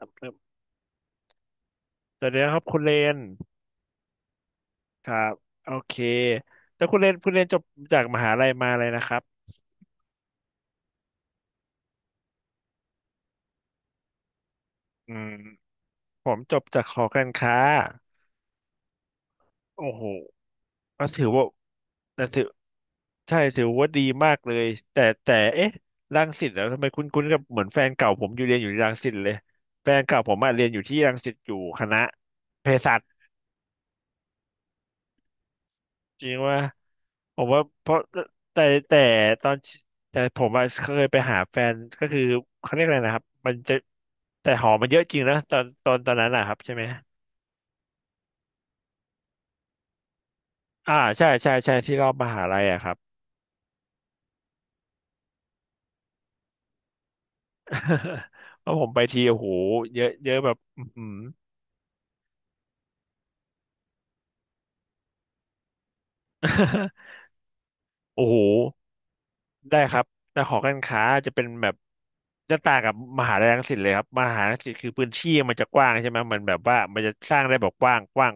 สำเริ่มสวัสดีครับคุณเรนครับโอเคแล้วคุณเรนจบจากมหาลัยมาเลยนะครับอืมผมจบจากหอการค้าโอ้โหก็ถือว่าแต่ถือใช่ถือว่าดีมากเลยแต่เอ๊ะรังสิตแล้วทำไมคุณกับเหมือนแฟนเก่าผมอยู่เรียนอยู่ที่รังสิตเลยแฟนเก่าผมอะเรียนอยู่ที่รังสิตอยู่คณะเภสัช จริงว่าผมว่าเพราะแต่แต่ตอนแต่ผมอะเคยไปหาแฟนก็คือเขาเรียกอะไรนะครับมันจะแต่หอมันเยอะจริงนะตอนนั้นอะครับใช่ไหมอ่าใช่ใช่ใช่ที่รอบมหาลัยอะครับ เพราะผมไปทีโอ้โหเยอะเยอะแบบอือหือ โอ้โห ได้ครับแต่หอการค้าจะเป็นแบบจะต่างกับมหาลัยรังสิตเลยครับมหาลัยรังสิตคือพื้นที่มันจะกว้างใช่ไหมมันแบบว่ามันจะสร้างได้แบบกว้างกว้าง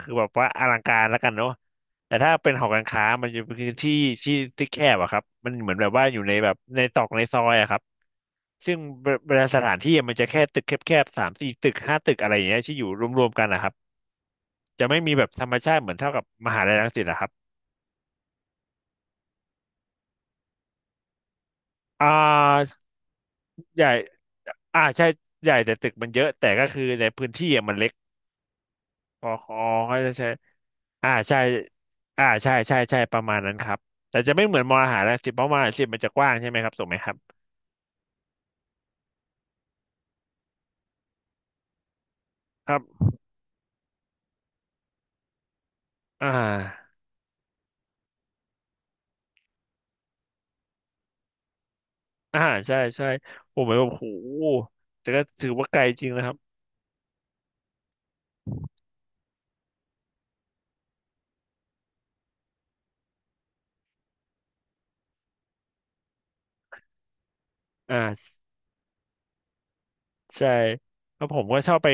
คือแบบว่าอลังการแล้วกันเนาะแต่ถ้าเป็นหอการค้ามันจะเป็นพื้นที่ที่ที่แคบอะครับมันเหมือนแบบว่าอยู่ในแบบในตรอกในซอยอะครับซึ่งเวลาสถานที่อะมันจะแค่ตึกแคบๆสามสี่ตึกห้าตึกอะไรอย่างเงี้ยที่อยู่รวมๆกันนะครับจะไม่มีแบบธรรมชาติเหมือนเท่ากับมหาลัยรังสิตนะครับอ่า ใหญ่อ่าใช่ ใหญ่แต่ตึกมันเยอะ แต่ก็คือในพื้นที่อะมันเล็กอ๋อเขาจะใช่อ่าใช่ใช่ประมาณนั้นครับ แต่จะไม่เหมือนมออาหารนะสิบเพราะมออาหารสิบมันจะกว้างใช่ไหมครับถูกไหมครับครับอ่าอ่าใช่ใช่ผมแบบโอ้โหแต่ก็ถือว่าไกลจริงนะครับอ่า ใช่เพราะผมก็ชอบไป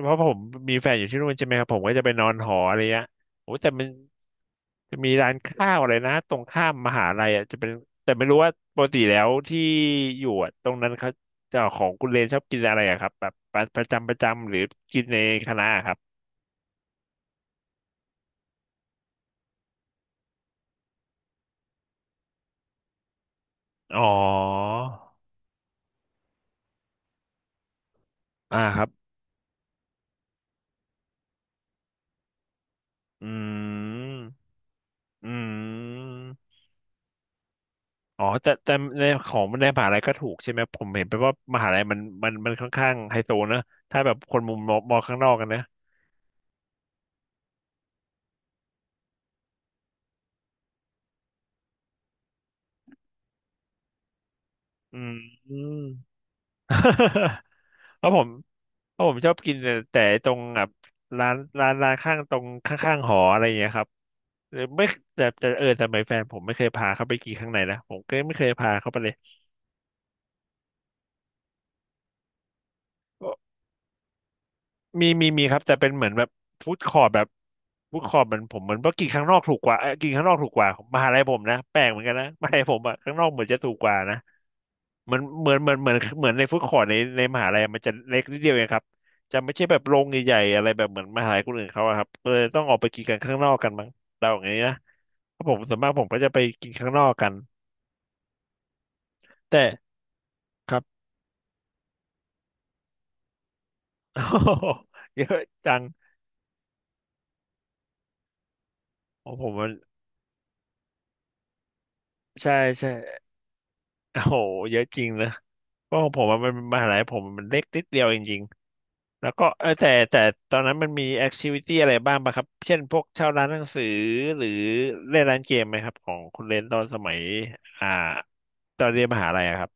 เพราะผมมีแฟนอยู่ที่นู่นใช่ไหมครับผมก็จะไปนอนหออะไรเงี้ยโอ้แต่มันจะมีร้านข้าวอะไรนะตรงข้ามมหาลัยอ่ะจะเป็นแต่ไม่รู้ว่าปกติแล้วที่อยู่อะตรงนั้นเขาเจะของคุณเรนชอบกินอะไรอะครับแบบประจำหรือกินในคณะอะครับอ๋ออ่าครับอืมอืม อ๋อแต่แต่ในของในมหาลัยก็ถูกใช่ไหมผมเห็นไปว่ามหาลัยมันค่อนข้างไฮโซนะถ้าแบบคนมุมมองมองข้างนอกกันนะอืม เพราะผมเพราะผมชอบกินแต่ตรงแบบร้านร้านข้างตรงข้างๆหออะไรอย่างเงี้ยครับหรือไม่แต่แต่ไม่แฟนผมไม่เคยพาเขาไปกินข้างในนะผมก็ไม่เคยพาเขาไปเลย มีครับแต่เป็นเหมือนแบบฟู้ดคอร์ t แบบฟู้ดคอร์ t เหมือนผมเหมือนเพราะกินข้างนอกถูกกว่าเอ้ยกินข้างนอกถูกกว่ามหาลัยผมนะแปลกเหมือนกันนะมหาลัยผมอะข้างนอกเหมือนจะถูกกว่านะเหมือนเหมือนเหมือนเหมือนเหมือนในฟู้ดคอร์ t ในมหาลัยมันจะเล็กนิดเดียวเองครับจะไม่ใช่แบบโรงใหญ่ๆอะไรแบบเหมือนมหาลัยคนอื่นเขาอะครับก็เลยต้องออกไปกินกันข้างนอกกันมั้งเราอย่างนี้นะเพราะผมส่วนมากผมก็จะไปกินข้างนอกกันแต่ครับ เยอะจังของผมมันใช่ใช่โอ้โหเยอะจริงนะ ก็ของผมอะมันมหาลัยผมมันเล็กนิดเดียวจริงๆแล้วก็แต่ตอนนั้นมันมีแอคทิวิตี้อะไรบ้างปะครับเช่นพวกเช่าร้านหนังสือหรือเล่นร้านเกมไหมครับของคุณเลนตอนสมัยอ่าตอนเรียนมหาลัยอะครับ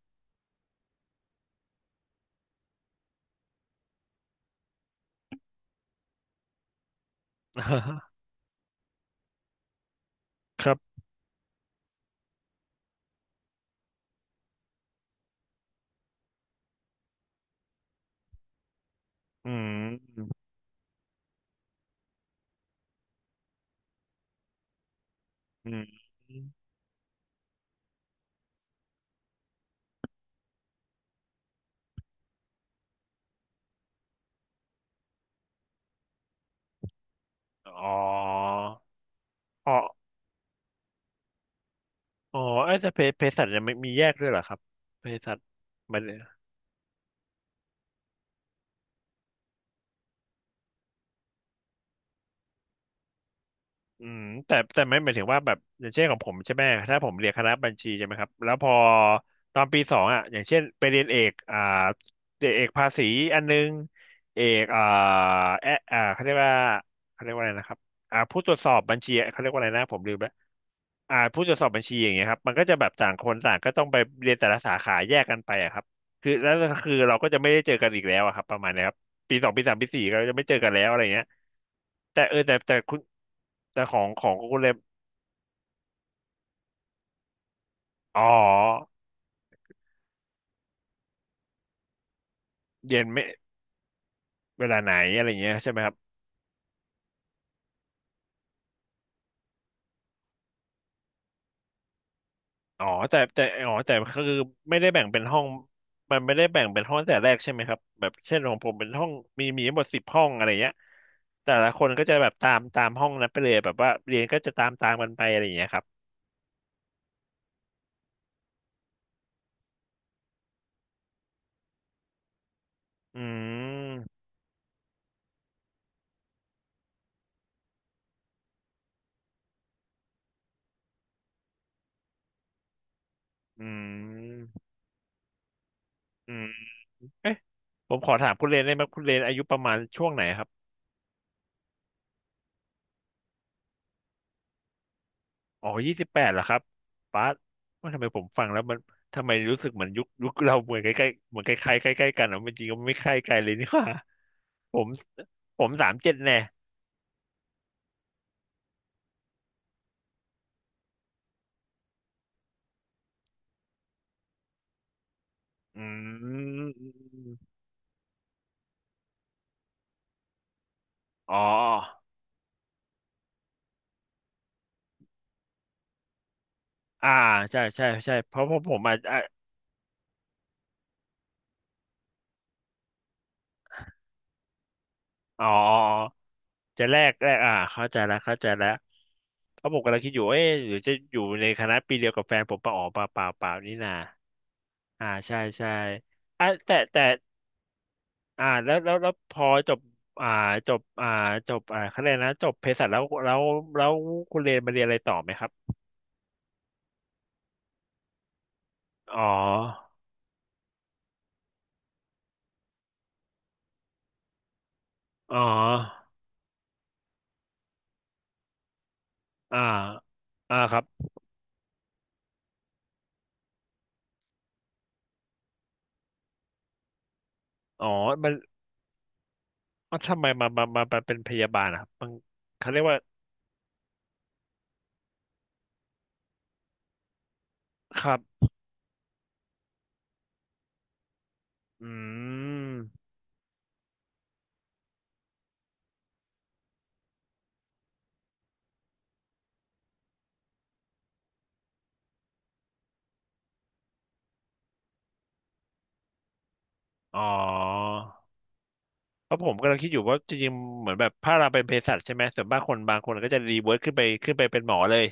ครับอืมอืมอ๋ออ๋ออ๋อเอ้ยแต่เภสัชยังไม่มีแยกด้วยเหรอครับเภสัชมัน อืมแต่ไม่หมายถึงว่าแบบอย่างเช่นของผมใช่ไหมถ้าผมเรียนคณะบัญชีใช่ไหมครับแล้วพอตอนปีสองอ่ะอย่างเช่นไปเรียนเอกเอกภาษีอันนึงเอกแอะอ่าเขาเรียกว่าเขาเรียกว่าอะไรนะครับอ่าผู้ตรวจสอบบัญชีเขาเรียกว่าอะไรนะผมลืมแล้วอ่าผู้ตรวจสอบบัญชีอย่างเงี้ยครับมันก็จะแบบต่างคนต่างก็ต้องไปเรียนแต่ละสาขาแยกกันไปอะครับคือแล้วก็คือเราก็จะไม่ได้เจอกันอีกแล้วอะครับประมาณเนี้ยครับ ปีสองปีสามปีสี่ก็จะไม่เจอกันแล้วอะไรเงี้ยแต่แต่คุณแต่ของคุณเลยอ๋อเย็นไม่เวลาไหนอะไรเงี้ยใช่ไหมครับอ๋อแต่อ๋อแต่ก็คือไม่ได้แบ่งเป็นห้องมันไม่ได้แบ่งเป็นห้องแต่แรกใช่ไหมครับแบบเช่นของผมเป็นห้องมีทั้งหมดสิบห้องอะไรเงี้ยแต่ละคนก็จะแบบตามห้องนั้นไปเลยแบบว่าเรียนก็จะตามกันไปอะไรอย่างเงี้ยครับอืมอืมอืมเอ๊ะผมขอถามคุณเรนได้ไหมคุณเรนอายุประมาณช่วงไหนครับ อ๋อยี่สิบแปดเหรอครับป๊าดว่าทำไมผมฟังแล้วมันทำไมรู้สึกเหมือนยุคเราเหมือนใกล้ใกล้เหมือนใกล้ๆใกล้ใกล้ๆกันอ่ะมันจริงก็ไม่ใกล้ไกลเลยนี่หว่า ผมผมสามเจ็ดแน่อืมอ๋อ อ่า ใช่ใช่ใช่เพราะผมอาจอ่ะอ๋ออ๋อ จะแลกเข้าใจแล้วเข้าใจแล้ว เพราะผมกำลังคิดอยู่เอ๊ะหรือจะอยู่ในคณะปีเดียวกับแฟนผมปะอ๋อเปล่าเปล่านี่นาอ่าใช่ใช่อ่ะแต่ แล้วพอจบอ่าจบอ่าจบคะแนนนะจบเภสัชแล้วแล้วคุณเรียนมาเรียนอะไรต่อไหมครับอ๋ออ๋ออ่าอ่าครับอ๋อมันอ๋อทำไมมาเป็นพยาบาลอะครับมันเขาเรียกว่าครับอืมอ๋อเพราะผมกำลังคิดอยู่ว่าจริงๆเหมือนแบบถ้าเราเป็นเภสัชใช่ไหมส่วนมากคนบางคนก็จะรีเวิร์คขึ้นไปเป็นหมอเลย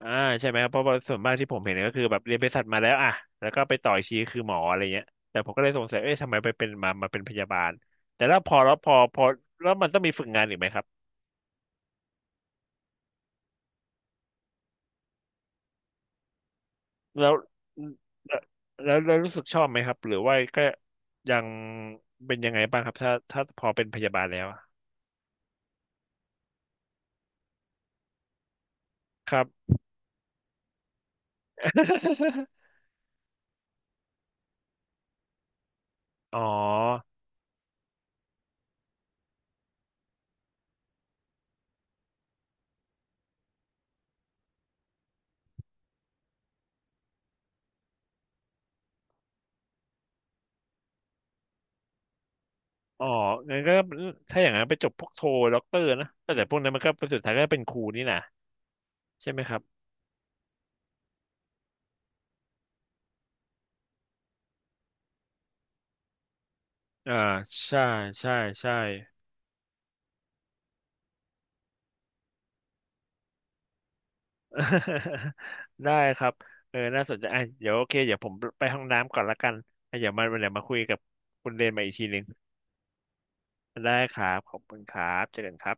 อ่าใช่ไหมครับเพราะว่าส่วนมากที่ผมเห็นก็คือแบบเรียนเภสัชมาแล้วอ่ะแล้วก็ไปต่ออีกทีคือหมออะไรเงี้ยแต่ผมก็เลยสงสัยเอ๊ะทำไมไปเป็นมาเป็นพยาบาลแต่แล้วพอแล้วพอพอแล้วมันต้องมีฝึกงานอีกไหมครับแล้วแล้วรู้สึกชอบไหมครับหรือว่าก็ยังเป็นยังไงบ้างครับถ้าพอเป็นพยาบาลแล้วอะครับ อ๋ออ๋องั้นก็ถ้าอย่างนั้นไปจบพวกโทด็อกเตอร์นะแต่พวกนั้นมันก็สุดท้ายก็เป็นครูนี่นะใช่ไหมครับอ่าใช่ใช่ใช่ ได้ครับเออน่าสนใจอ่ะเดี๋ยวโอเคเดี๋ยวผมไปห้องน้ำก่อนละกันอ่ะเดี๋ยวมาเดี๋ยวมาคุยกับคุณเรนมาอีกทีหนึ่งได้ครับขอบคุณครับเจอกันครับ